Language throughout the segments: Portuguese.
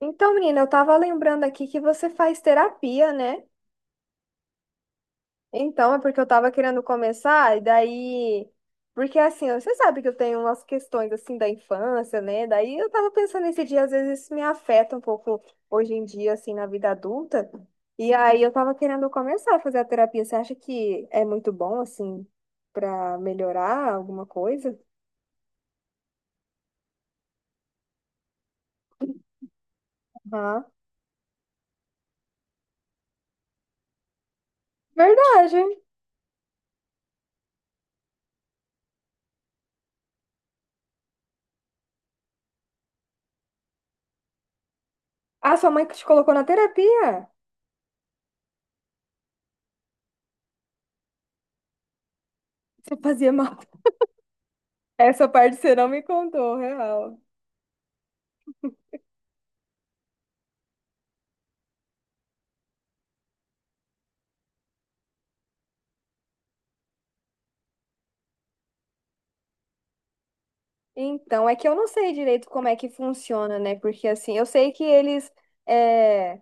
Então, menina, eu tava lembrando aqui que você faz terapia, né? Então, é porque eu tava querendo começar, e daí. Porque assim, você sabe que eu tenho umas questões assim da infância, né? Daí eu tava pensando nesse dia, às vezes isso me afeta um pouco hoje em dia, assim, na vida adulta. E aí eu tava querendo começar a fazer a terapia. Você acha que é muito bom, assim, pra melhorar alguma coisa? Aham. Verdade. Ah, sua mãe que te colocou na terapia? Você fazia mal. Essa parte você não me contou, real. Então, é que eu não sei direito como é que funciona, né? Porque assim, eu sei que eles é,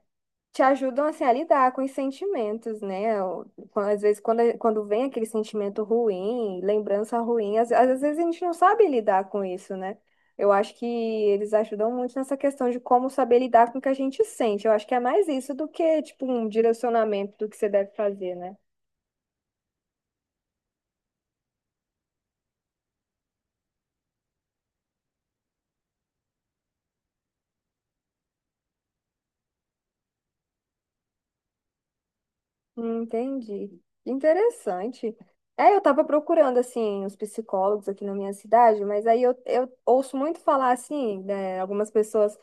te ajudam assim, a lidar com os sentimentos, né? Às vezes, quando vem aquele sentimento ruim, lembrança ruim, às vezes a gente não sabe lidar com isso, né? Eu acho que eles ajudam muito nessa questão de como saber lidar com o que a gente sente. Eu acho que é mais isso do que, tipo, um direcionamento do que você deve fazer, né? Entendi. Interessante. É, eu tava procurando, assim, os psicólogos aqui na minha cidade, mas aí eu ouço muito falar, assim, né, algumas pessoas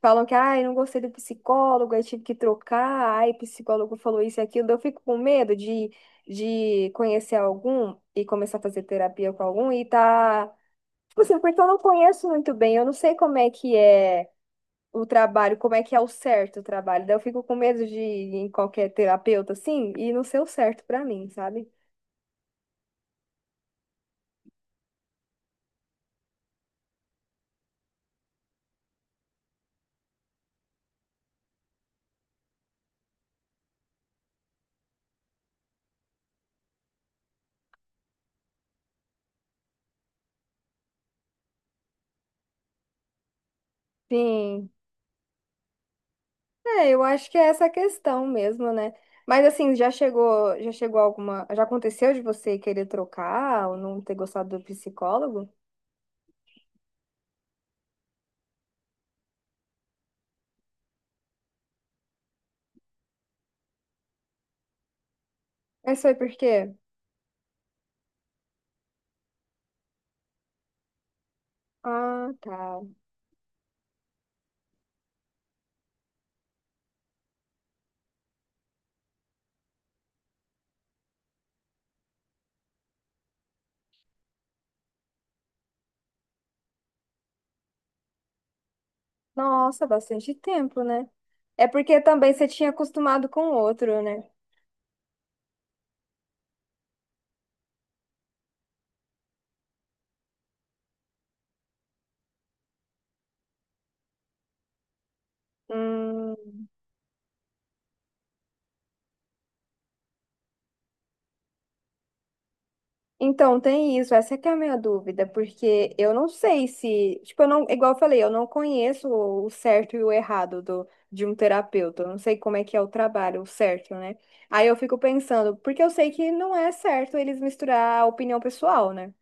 falam que, ai, não gostei do psicólogo, aí tive que trocar, ai, psicólogo falou isso e aquilo. Eu fico com medo de conhecer algum e começar a fazer terapia com algum Tipo assim, porque eu não conheço muito bem, eu não sei como é que é o trabalho, como é que é o certo o trabalho. Daí eu fico com medo de ir em qualquer terapeuta assim e não ser o certo pra mim, sabe? Sim. É, eu acho que é essa a questão mesmo, né? Mas assim, já chegou alguma, já aconteceu de você querer trocar ou não ter gostado do psicólogo? Mas foi por quê? Ah, tá. Nossa, bastante tempo, né? É porque também você tinha acostumado com o outro, né? Hum. Então, tem isso, essa que é a minha dúvida, porque eu não sei se, tipo, eu não, igual eu falei, eu não conheço o certo e o errado de um terapeuta, eu não sei como é que é o trabalho, o certo, né? Aí eu fico pensando, porque eu sei que não é certo eles misturar a opinião pessoal, né?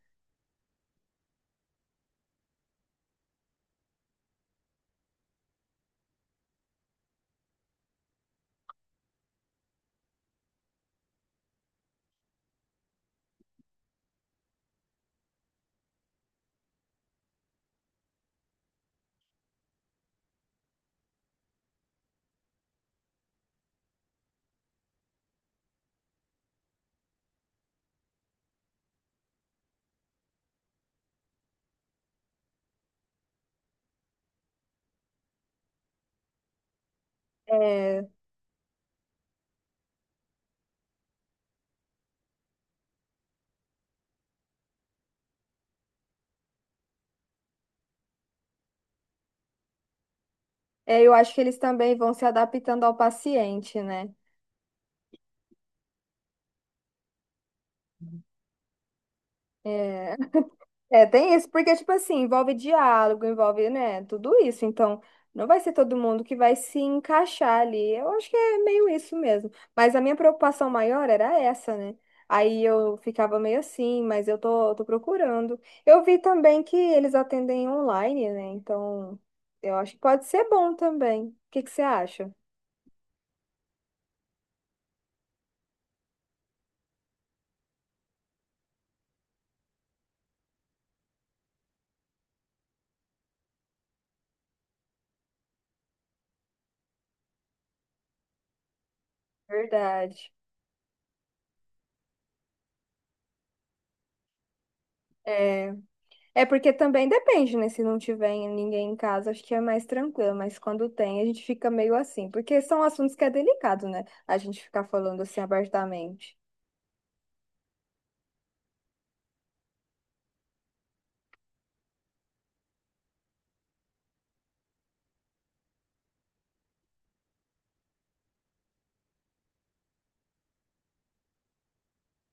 É, é, eu acho que eles também vão se adaptando ao paciente, né? É, É, tem isso, porque, tipo assim, envolve diálogo, envolve, né, tudo isso. Então, não vai ser todo mundo que vai se encaixar ali. Eu acho que é meio isso mesmo. Mas a minha preocupação maior era essa, né? Aí eu ficava meio assim, mas eu tô procurando. Eu vi também que eles atendem online, né? Então, eu acho que pode ser bom também. O que que você acha? Verdade. é É porque também depende, né? Se não tiver ninguém em casa, acho que é mais tranquilo, mas quando tem, a gente fica meio assim, porque são assuntos que é delicado, né? A gente ficar falando assim abertamente.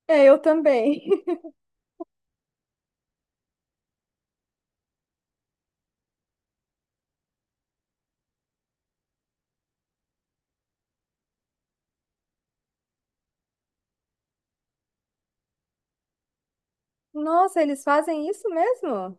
É, eu também. Nossa, eles fazem isso mesmo?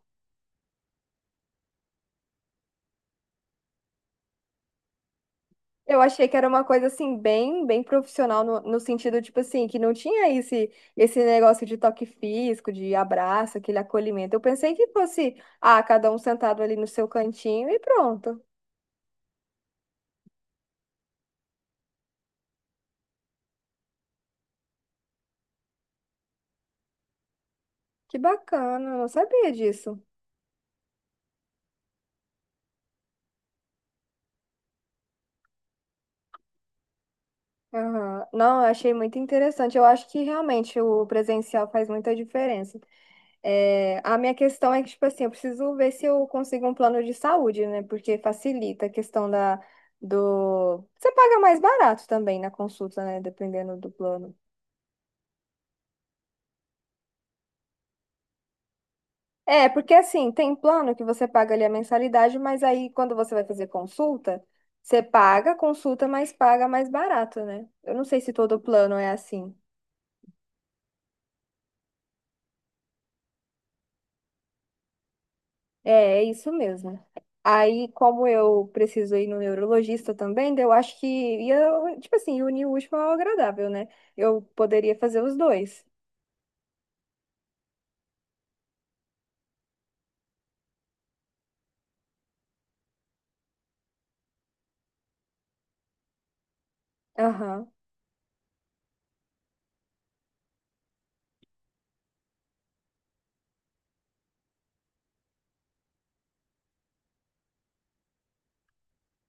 Eu achei que era uma coisa assim, bem, bem profissional, no sentido, tipo assim, que não tinha esse, negócio de toque físico, de abraço, aquele acolhimento. Eu pensei que fosse, cada um sentado ali no seu cantinho e pronto. Que bacana, eu não sabia disso. Aham. Não, eu achei muito interessante. Eu acho que realmente o presencial faz muita diferença. É, a minha questão é que, tipo assim, eu preciso ver se eu consigo um plano de saúde, né? Porque facilita a questão. Você paga mais barato também na consulta, né? Dependendo do plano. É, porque assim, tem plano que você paga ali a mensalidade, mas aí quando você vai fazer consulta, você paga a consulta, mas paga mais barato, né? Eu não sei se todo plano é assim. É, é isso mesmo. Aí, como eu preciso ir no neurologista também, daí eu acho que ia, tipo assim, unir o útil ao agradável, né? Eu poderia fazer os dois. Aham.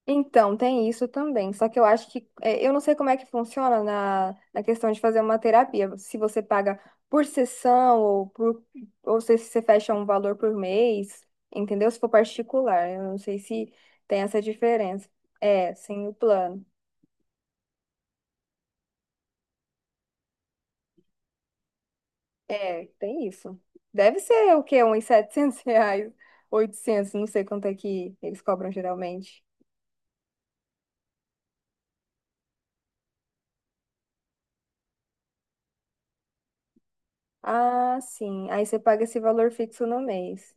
Então, tem isso também. Só que eu acho que, eu não sei como é que funciona na questão de fazer uma terapia. Se você paga por sessão ou se você fecha um valor por mês, entendeu? Se for particular, eu não sei se tem essa diferença. É, sem o plano. É, tem isso. Deve ser o quê? Uns 700 reais, 800, não sei quanto é que eles cobram geralmente. Ah, sim. Aí você paga esse valor fixo no mês.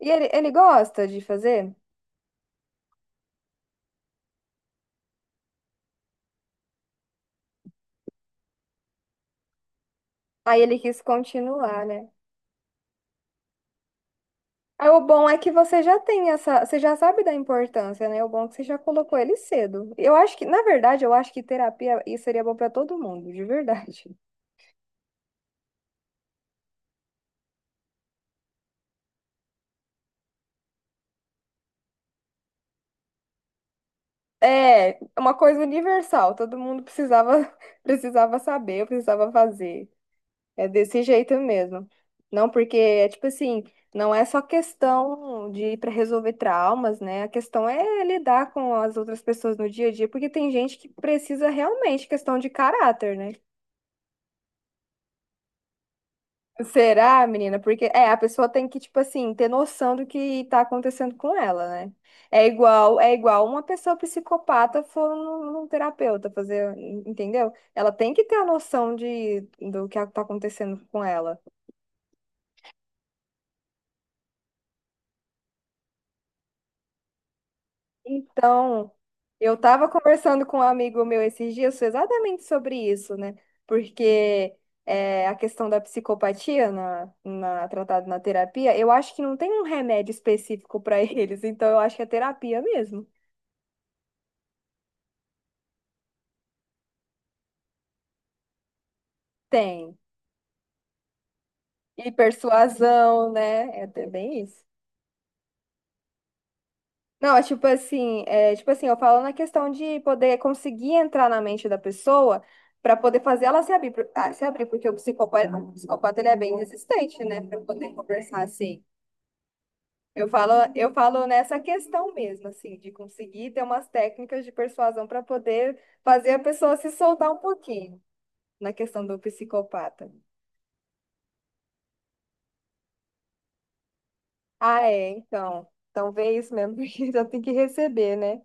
E ele gosta de fazer? Aí ele quis continuar, né? Aí o bom é que você já tem essa, você já sabe da importância, né? O bom é que você já colocou ele cedo. Eu acho que, na verdade, eu acho que terapia isso seria bom pra todo mundo, de verdade. É, é uma coisa universal, todo mundo precisava precisava saber, precisava fazer. É desse jeito mesmo. Não, porque é tipo assim, não é só questão de ir para resolver traumas, né? A questão é lidar com as outras pessoas no dia a dia, porque tem gente que precisa realmente questão de caráter, né? Será, menina? Porque a pessoa tem que, tipo assim, ter noção do que tá acontecendo com ela, né? É igual uma pessoa psicopata for num terapeuta fazer, entendeu? Ela tem que ter a noção do que tá acontecendo com ela. Então, eu estava conversando com um amigo meu esses dias exatamente sobre isso, né? Porque a questão da psicopatia tratada na terapia, eu acho que não tem um remédio específico para eles, então eu acho que é terapia mesmo. Tem. E persuasão, né? É bem isso. Não, é tipo assim, eu falo na questão de poder conseguir entrar na mente da pessoa para poder fazer ela se abrir, porque o psicopata ele é bem resistente, né, para poder conversar assim. Eu falo nessa questão mesmo, assim, de conseguir ter umas técnicas de persuasão para poder fazer a pessoa se soltar um pouquinho na questão do psicopata. Ah, é, então vê isso mesmo, porque já tem que receber, né?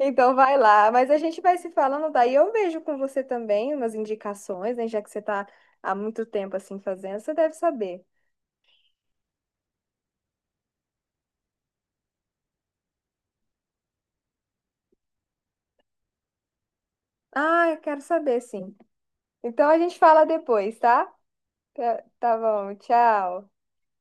Então vai lá, mas a gente vai se falando daí. Eu vejo com você também umas indicações, né? Já que você está há muito tempo assim fazendo, você deve saber. Ah, eu quero saber, sim. Então a gente fala depois, tá? Tá bom, tchau.